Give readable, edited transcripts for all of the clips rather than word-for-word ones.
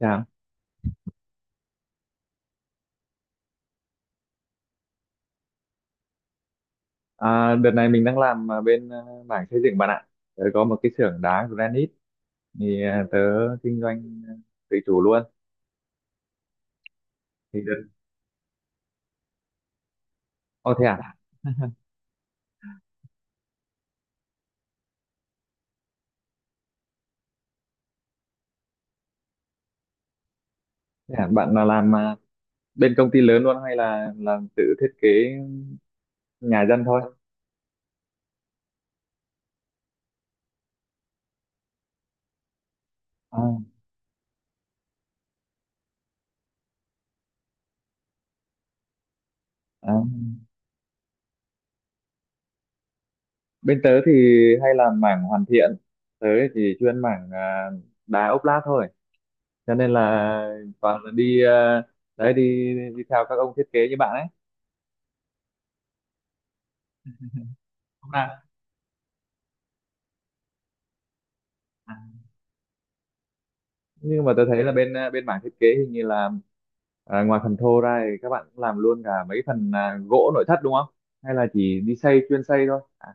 Chào. Đợt này mình đang làm bên mảng xây dựng bạn ạ. Tớ có một cái xưởng đá granite tớ kinh doanh tự chủ luôn. Thì đợt... Ô thế à? Thế à? Bạn là làm bên công ty lớn luôn hay là làm tự thiết kế nhà dân thôi? À, à. Bên tớ thì hay làm mảng hoàn thiện. Tớ thì chuyên mảng đá ốp lát thôi. Cho nên là toàn là đi đấy đi đi theo các ông thiết kế như bạn ấy. Không à? Nhưng mà tôi thấy là bên bên mảng thiết kế hình như là ngoài phần thô ra thì các bạn cũng làm luôn cả mấy phần gỗ nội thất đúng không, hay là chỉ đi xây chuyên xây thôi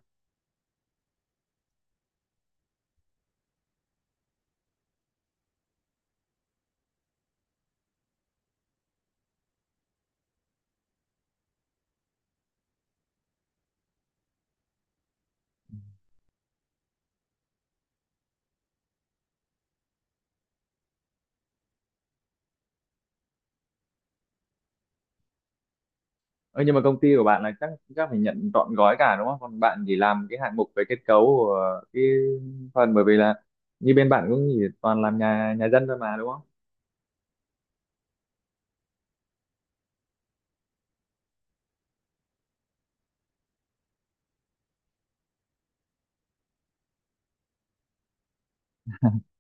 ừ, nhưng mà công ty của bạn là chắc chắc phải nhận trọn gói cả đúng không, còn bạn chỉ làm cái hạng mục về kết cấu của cái phần, bởi vì là như bên bạn cũng chỉ toàn làm nhà nhà dân thôi mà đúng không?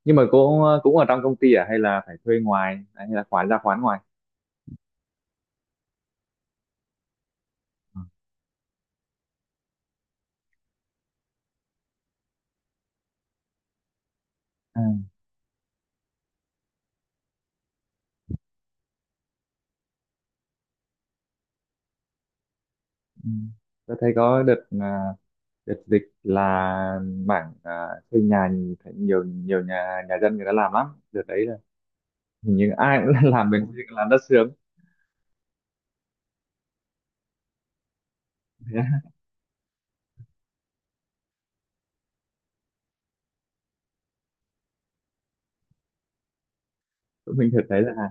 Nhưng mà cũng cũng ở trong công ty à hay là phải thuê ngoài hay là khoán ra khoán ngoài. Ừ. À, ừ. Tôi thấy có đợt đợt dịch là mảng xây nhà thấy nhiều nhiều nhà nhà dân người ta làm lắm, đợt đấy là hình như ai cũng làm bên làm đất sướng. Thế là tụi mình thật thấy là hàng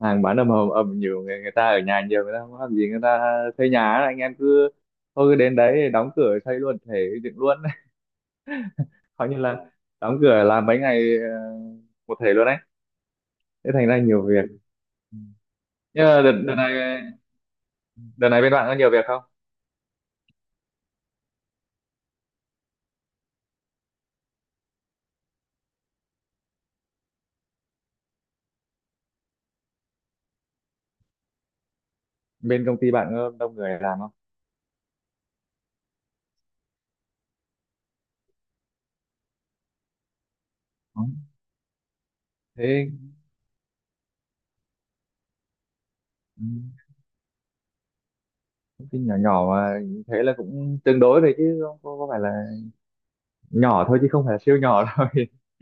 hàng bán ầm ầm ầm, nhiều người người ta ở nhà, nhiều người ta không làm gì, người ta xây nhà ấy. Anh em cứ thôi cứ đến đấy đóng cửa xây luôn thể dựng luôn. Coi như là đóng cửa làm mấy ngày một thể luôn đấy, thế thành ra nhiều việc. Nhưng mà đợt này, đợt này bên bạn có nhiều việc không? Bên công ty bạn có đông người làm không? Có. Thế ừ. Cái nhỏ nhỏ mà, thế là cũng tương đối đấy chứ không có, có phải là nhỏ thôi chứ không phải là siêu nhỏ đâu.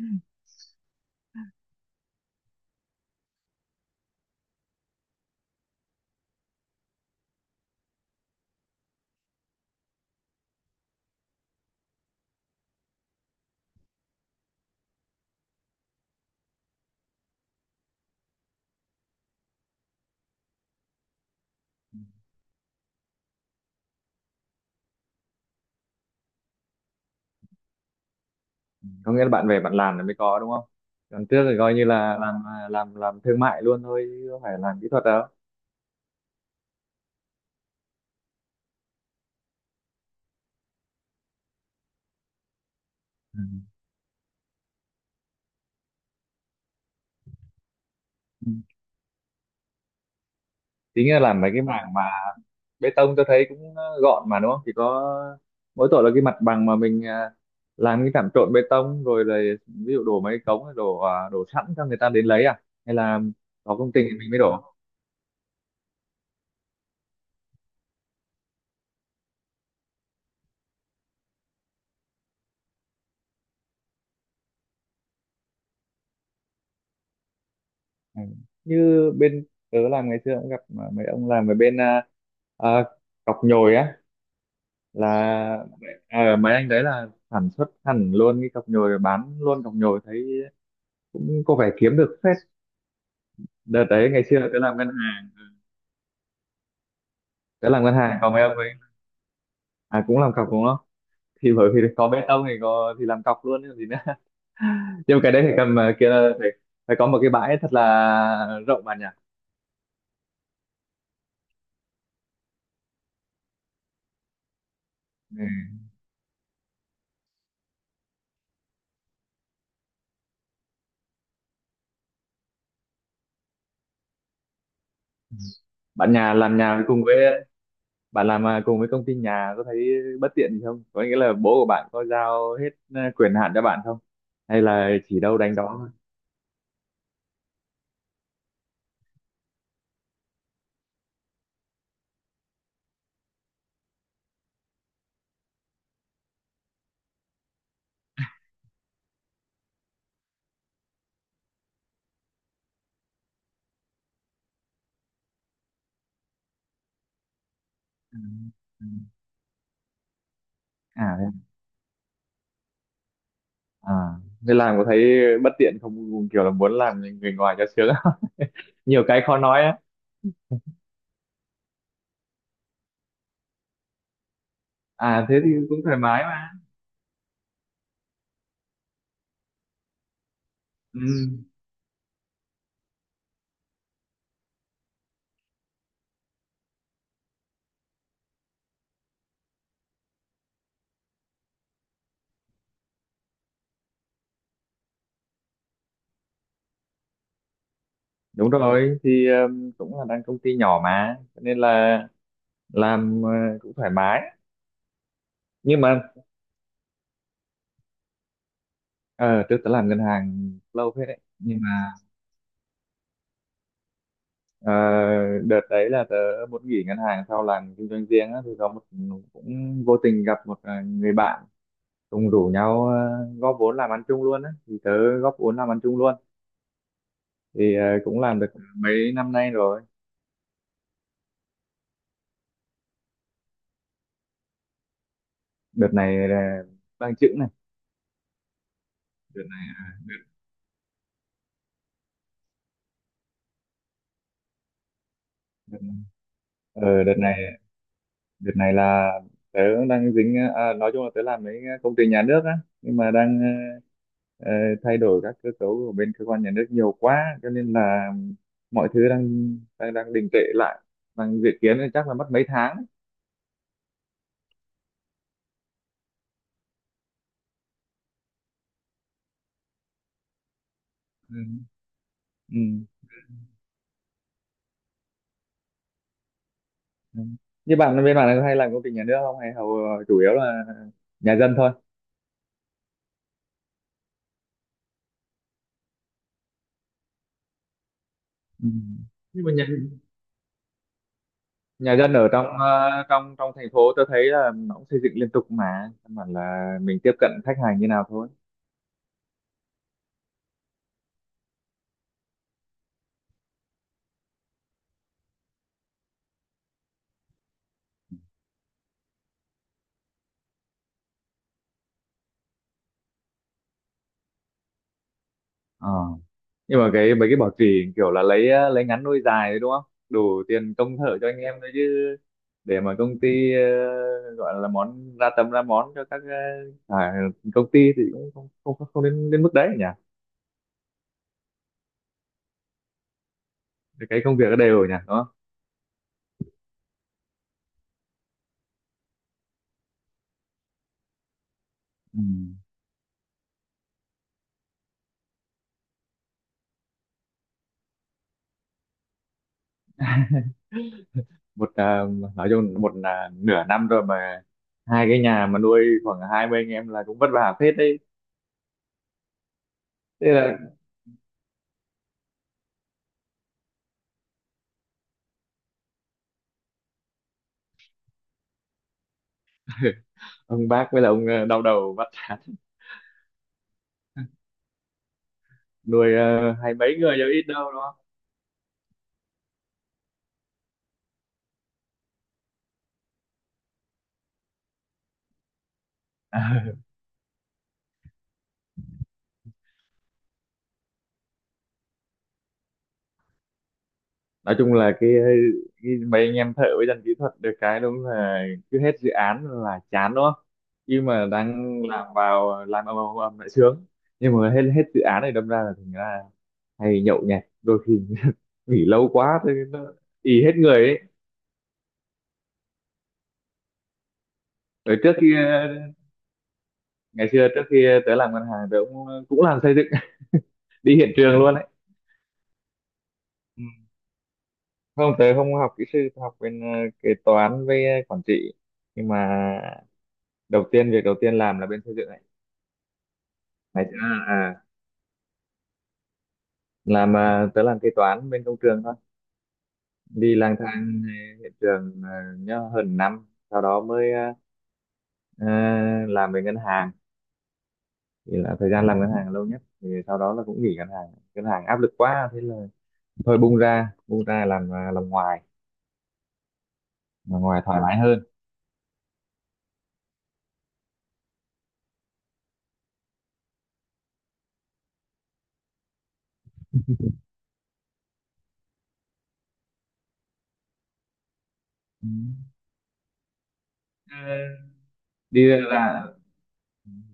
Có nghĩa là bạn về bạn làm là mới có đúng không, còn trước thì coi như là làm làm thương mại luôn thôi chứ không phải làm kỹ thuật đâu. Ừ. Ừ. Chính là làm mấy cái mảng mà bê tông tôi thấy cũng gọn mà đúng không, chỉ có mỗi tội là cái mặt bằng mà mình làm cái trạm trộn bê tông rồi là ví dụ đổ mấy cống đổ đổ sẵn cho người ta đến lấy à, hay là có công trình thì mình mới đổ. Ừ. Như bên tớ làm ngày xưa cũng gặp mà mấy ông làm ở bên à, cọc nhồi á, là mấy anh đấy là sản xuất hẳn luôn cái cọc nhồi rồi bán luôn cọc nhồi, thấy cũng có vẻ kiếm được phết. Đợt đấy ngày xưa tớ làm ngân hàng, tớ làm ngân hàng còn mấy ông ấy à cũng làm cọc đúng không, thì bởi vì có bê tông thì có thì làm cọc luôn chứ còn gì nữa. Nhưng mà cái đấy phải cầm kia là phải phải có một cái bãi thật là rộng bạn nhỉ. Ừ. Bạn nhà làm nhà cùng với bạn làm cùng với công ty nhà có thấy bất tiện gì không, có nghĩa là bố của bạn có giao hết quyền hạn cho bạn không hay là chỉ đâu đánh đó thôi. Ừ. Ừ. à thế à, thế làm có thấy bất tiện không, kiểu là muốn làm người ngoài cho sướng không? Nhiều cái khó nói á. À thế thì cũng thoải mái mà, ừ, đúng rồi thì cũng là đang công ty nhỏ mà cho nên là làm cũng thoải mái, nhưng mà ờ trước tớ làm ngân hàng lâu phết đấy nhưng mà. Ờ, đợt đấy là tớ muốn nghỉ ngân hàng sau làm kinh doanh riêng á, thì có một cũng vô tình gặp một người bạn cùng rủ nhau góp vốn làm ăn chung luôn á, thì tớ góp vốn làm ăn chung luôn. Thì cũng làm được mấy năm nay rồi. Đợt này là đang chững này, đợt này đợt này, đợt này đợt này là tớ đang dính nói chung là tớ làm mấy công ty nhà nước á, nhưng mà đang ờ, ờ, thay đổi các cơ cấu của bên cơ quan nhà nước nhiều quá cho nên là mọi thứ đang đang đang đình trệ lại, đang dự kiến là chắc là mất mấy tháng. Ừ. Ừ. Ừ. Như bạn bên bạn là hay làm công ty nhà nước không hay hầu chủ yếu là nhà dân thôi. Ừ. Nhưng mà nhà nhà dân ở trong ờ, trong trong thành phố tôi thấy là nó cũng xây dựng liên tục mà căn bản là mình tiếp cận khách hàng như nào thôi. Ờ. Nhưng mà cái mấy cái bảo trì kiểu là lấy lấy ngắn nuôi dài đấy đúng không, đủ tiền công thợ cho anh em thôi chứ để mà công ty gọi là món ra tầm ra món cho các ờ, à, công ty thì cũng không không không đến đến mức đấy nhỉ. Cái công việc nó đều nhỉ đúng không. Ừ. Một nói chung một là nửa năm rồi mà hai cái nhà mà nuôi khoảng 20 anh em là cũng vất vả phết đấy. Thế là ông bác với là ông đau đầu vắt chán. Nuôi hai mấy người chứ ít đâu đúng không. Nói chung là cái mấy anh em thợ với dân kỹ thuật được cái đúng là cứ hết dự án là chán đúng không, nhưng mà đang làm vào làm ầm ầm ầm lại sướng, nhưng mà hết hết dự án này đâm ra là thành ra hay nhậu nhẹt đôi khi. Nghỉ lâu quá thì nó ì hết người ấy. Ở trước khi ngày xưa trước khi tớ làm ngân hàng tớ cũng cũng làm xây dựng đi hiện trường luôn ấy. Ừ. Không tớ không học kỹ sư, tớ học bên kế toán với quản trị, nhưng mà đầu tiên việc đầu tiên làm là bên xây dựng này. Ngày xưa à, làm tớ làm kế toán bên công trường thôi, đi lang thang hiện trường nhớ hơn năm sau đó mới ờ, làm về ngân hàng. Thì là thời gian làm ngân hàng là lâu nhất, thì sau đó là cũng nghỉ ngân hàng, ngân hàng áp lực quá thế là thôi bung ra làm làm ngoài, làm ngoài thoải mái hơn. Ừ. Ờ, đi là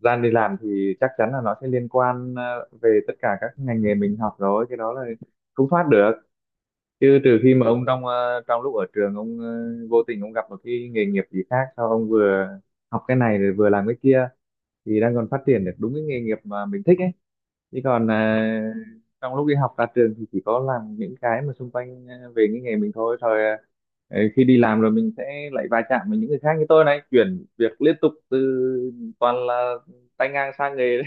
gian đi làm thì chắc chắn là nó sẽ liên quan về tất cả các ngành nghề mình học rồi, cái đó là không thoát được, chứ trừ khi mà ông trong trong lúc ở trường ông vô tình ông gặp một cái nghề nghiệp gì khác sao ông vừa học cái này rồi vừa làm cái kia thì đang còn phát triển được đúng cái nghề nghiệp mà mình thích ấy, chứ còn trong lúc đi học ra trường thì chỉ có làm những cái mà xung quanh về cái nghề mình thôi rồi khi đi làm rồi mình sẽ lại va chạm với những người khác, như tôi này chuyển việc liên tục, từ toàn là tay ngang sang nghề đấy,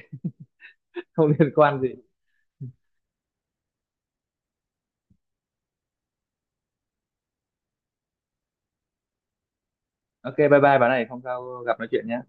không liên quan gì. Ok bye bye bạn này, không sao gặp nói chuyện nhé.